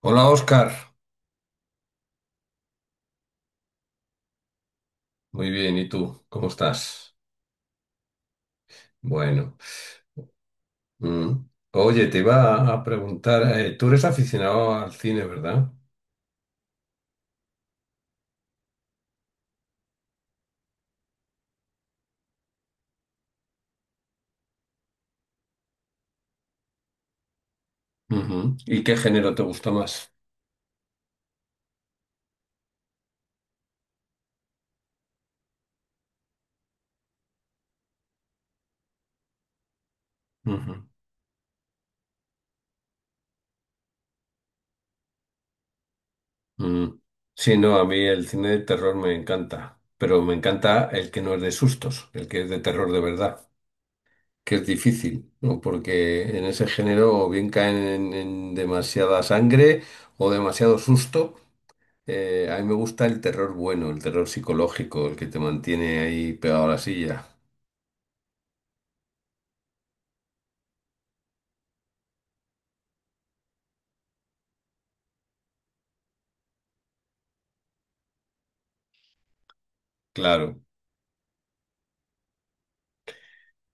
Hola Oscar, muy bien, ¿y tú? ¿Cómo estás? Bueno, mm. Oye, te iba a preguntar, tú eres aficionado al cine, ¿verdad? Ujú. ¿Y qué género te gusta más? Ujú. Mm. Sí, no, a mí el cine de terror me encanta, pero me encanta el que no es de sustos, el que es de terror de verdad, que es difícil, ¿no? Porque en ese género o bien caen en demasiada sangre o demasiado susto. A mí me gusta el terror bueno, el terror psicológico, el que te mantiene ahí pegado a la silla. Claro.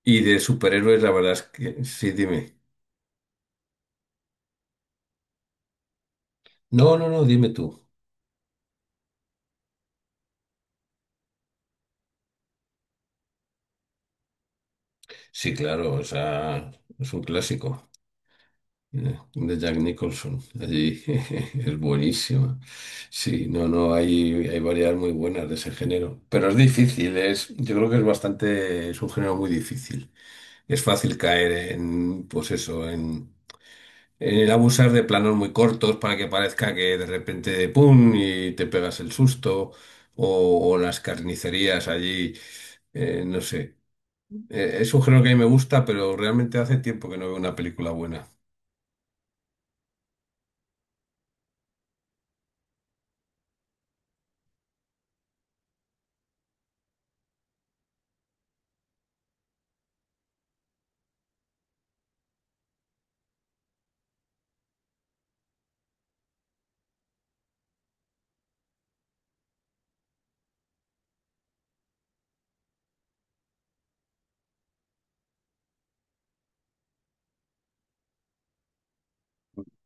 Y de superhéroes, la verdad es que sí, dime. No, no, no, dime tú. Sí, claro, o sea, es un clásico de Jack Nicholson. Allí es buenísima. Sí, no, no, hay variedades muy buenas de ese género. Pero es difícil, es, yo creo que es bastante, es un género muy difícil. Es fácil caer en, pues eso, en el abusar de planos muy cortos para que parezca que de repente, ¡pum! Y te pegas el susto. O las carnicerías allí, no sé. Es un género que a mí me gusta, pero realmente hace tiempo que no veo una película buena.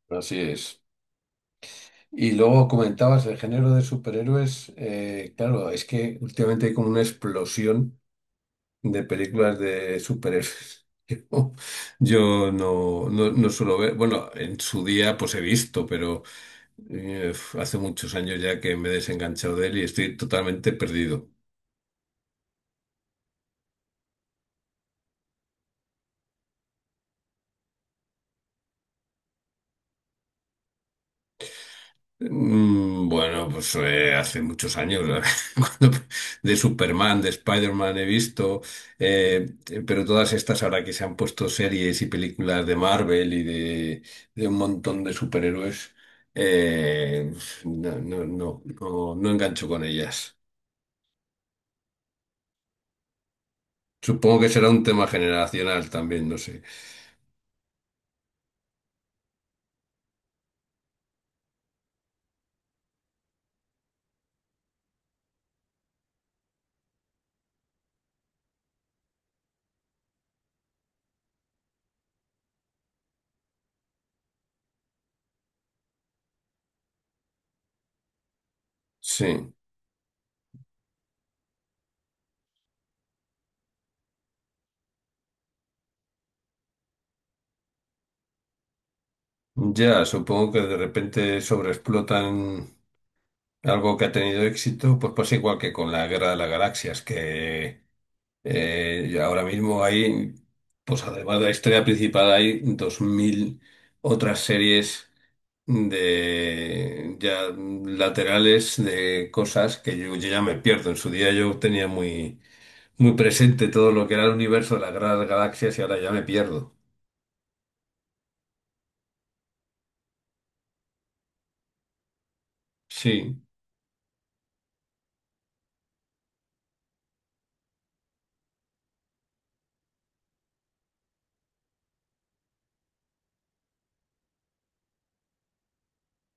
Así es. Y luego comentabas el género de superhéroes. Claro, es que últimamente hay como una explosión de películas de superhéroes. Yo no, no, no suelo ver, bueno, en su día pues he visto, pero… Hace muchos años ya que me he desenganchado de él y estoy totalmente perdido. Bueno, pues hace muchos años, la verdad, cuando- de Superman, de Spider-Man he visto, pero todas estas ahora que se han puesto series y películas de Marvel de un montón de superhéroes, eh, no, no, no, no, no engancho con ellas. Supongo que será un tema generacional también, no sé. Sí. Ya, supongo que de repente sobreexplotan algo que ha tenido éxito, pues pasa igual que con la Guerra de las Galaxias, que y ahora mismo hay, pues además de la historia principal, hay 2000 otras series de ya laterales de cosas que yo ya me pierdo. En su día yo tenía muy, muy presente todo lo que era el universo de las Guerra de las Galaxias y ahora ya me pierdo. Sí,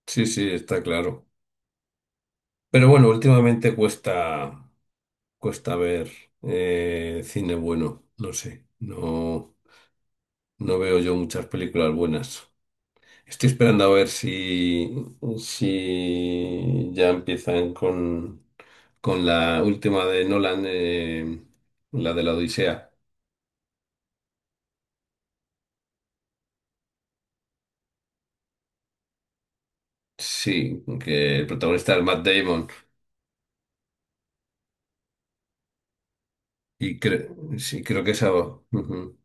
sí, sí, está claro. Pero bueno, últimamente cuesta, cuesta ver cine bueno, no sé, no, no veo yo muchas películas buenas. Estoy esperando a ver si, si ya empiezan con la última de Nolan, la de la Odisea. Sí, que el protagonista es Matt Damon. Sí, creo que esa. Ujú.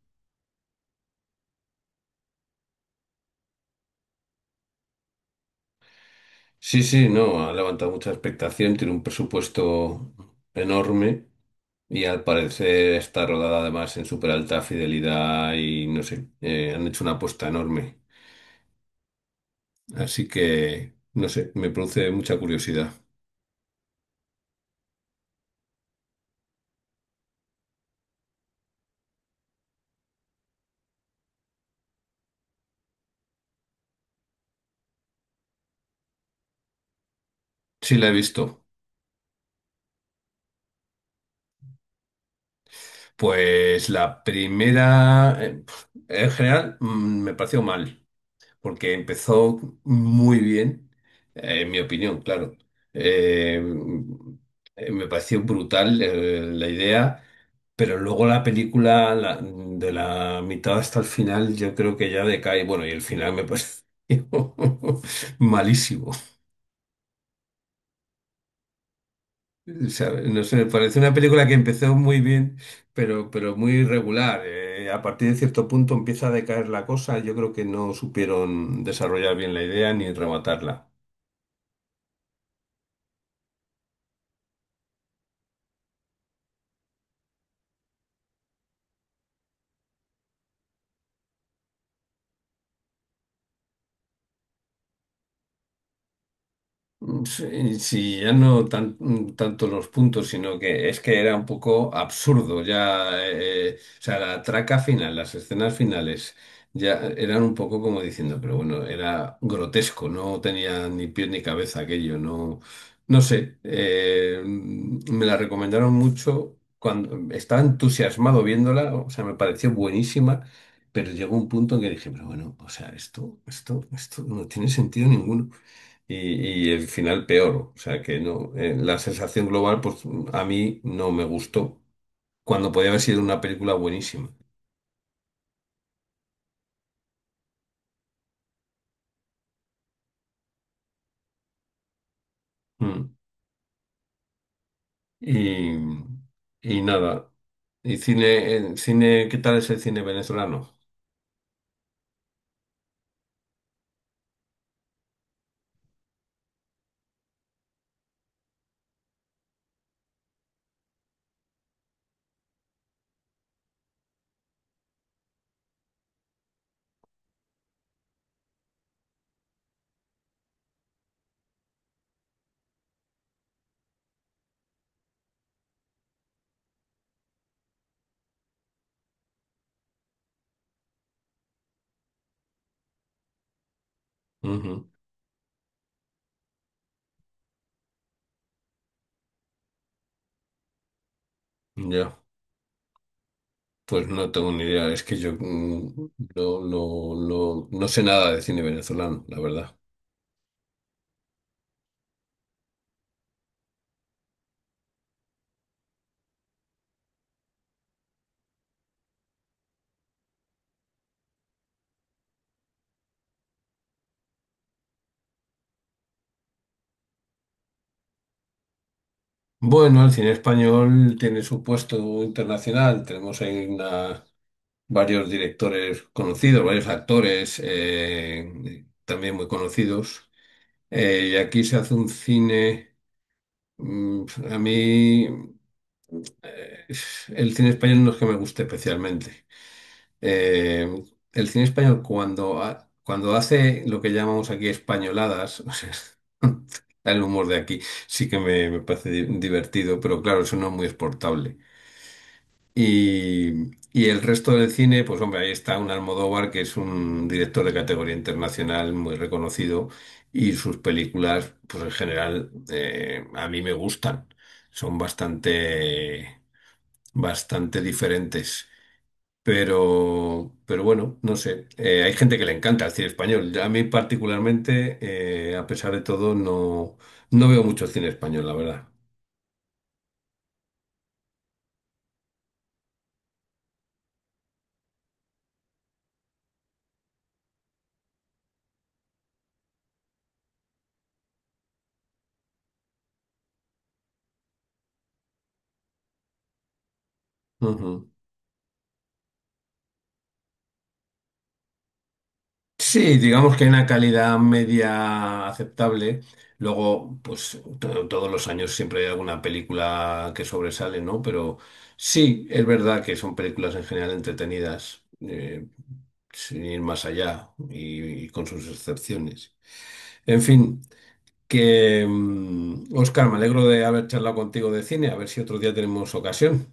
Sí, sí, no, ha levantado mucha expectación, tiene un presupuesto enorme y al parecer está rodada además en súper alta fidelidad y no sé, han hecho una apuesta enorme. Así que, no sé, me produce mucha curiosidad. Sí, la he visto. Pues la primera, en general, me pareció mal. Porque empezó muy bien, en mi opinión, claro. Eh, Me pareció brutal, la idea, pero luego la película, de la mitad hasta el final, yo creo que ya decae. Bueno, y el final me pareció malísimo. O sea, no sé, me parece una película que empezó muy bien, pero muy irregular. A partir de cierto punto empieza a decaer la cosa. Yo creo que no supieron desarrollar bien la idea ni rematarla. Sí, sí, ya no tanto los puntos, sino que es que era un poco absurdo ya, o sea, la traca final, las escenas finales, ya eran un poco como diciendo, pero bueno, era grotesco, no tenía ni pie ni cabeza aquello, no, no sé, me la recomendaron mucho, cuando estaba entusiasmado viéndola, o sea, me pareció buenísima, pero llegó un punto en que dije, pero bueno, o sea, esto no tiene sentido ninguno y el final peor. O sea que no, la sensación global, pues a mí no me gustó, cuando podía haber sido una película buenísima. Mm. Y, y nada. ¿Y cine, cine, qué tal es el cine venezolano? Ujú. Ya, pues no tengo ni idea. Es que yo no, no, no, no sé nada de cine venezolano, la verdad. Bueno, el cine español tiene su puesto internacional. Tenemos ahí una, varios directores conocidos, varios actores también muy conocidos. Y aquí se hace un cine, mm, a mí eh, el cine español no es que me guste especialmente. Eh, el cine español cuando, cuando hace lo que llamamos aquí españoladas, o sea, el humor de aquí sí que me parece divertido, pero claro, eso no es muy exportable. Y el resto del cine, pues hombre, ahí está un Almodóvar, que es un director de categoría internacional muy reconocido, y sus películas, pues en general, a mí me gustan. Son bastante, bastante diferentes. Pero bueno, no sé. Hay gente que le encanta el cine español. A mí particularmente, a pesar de todo, no, no veo mucho cine español, la verdad. Ujú. Sí, digamos que hay una calidad media aceptable. Luego, pues todos los años siempre hay alguna película que sobresale, ¿no? Pero sí, es verdad que son películas en general entretenidas, sin ir más allá y con sus excepciones. En fin, que Oscar, me alegro de haber charlado contigo de cine. A ver si otro día tenemos ocasión.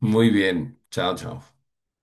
Muy bien, chao, chao.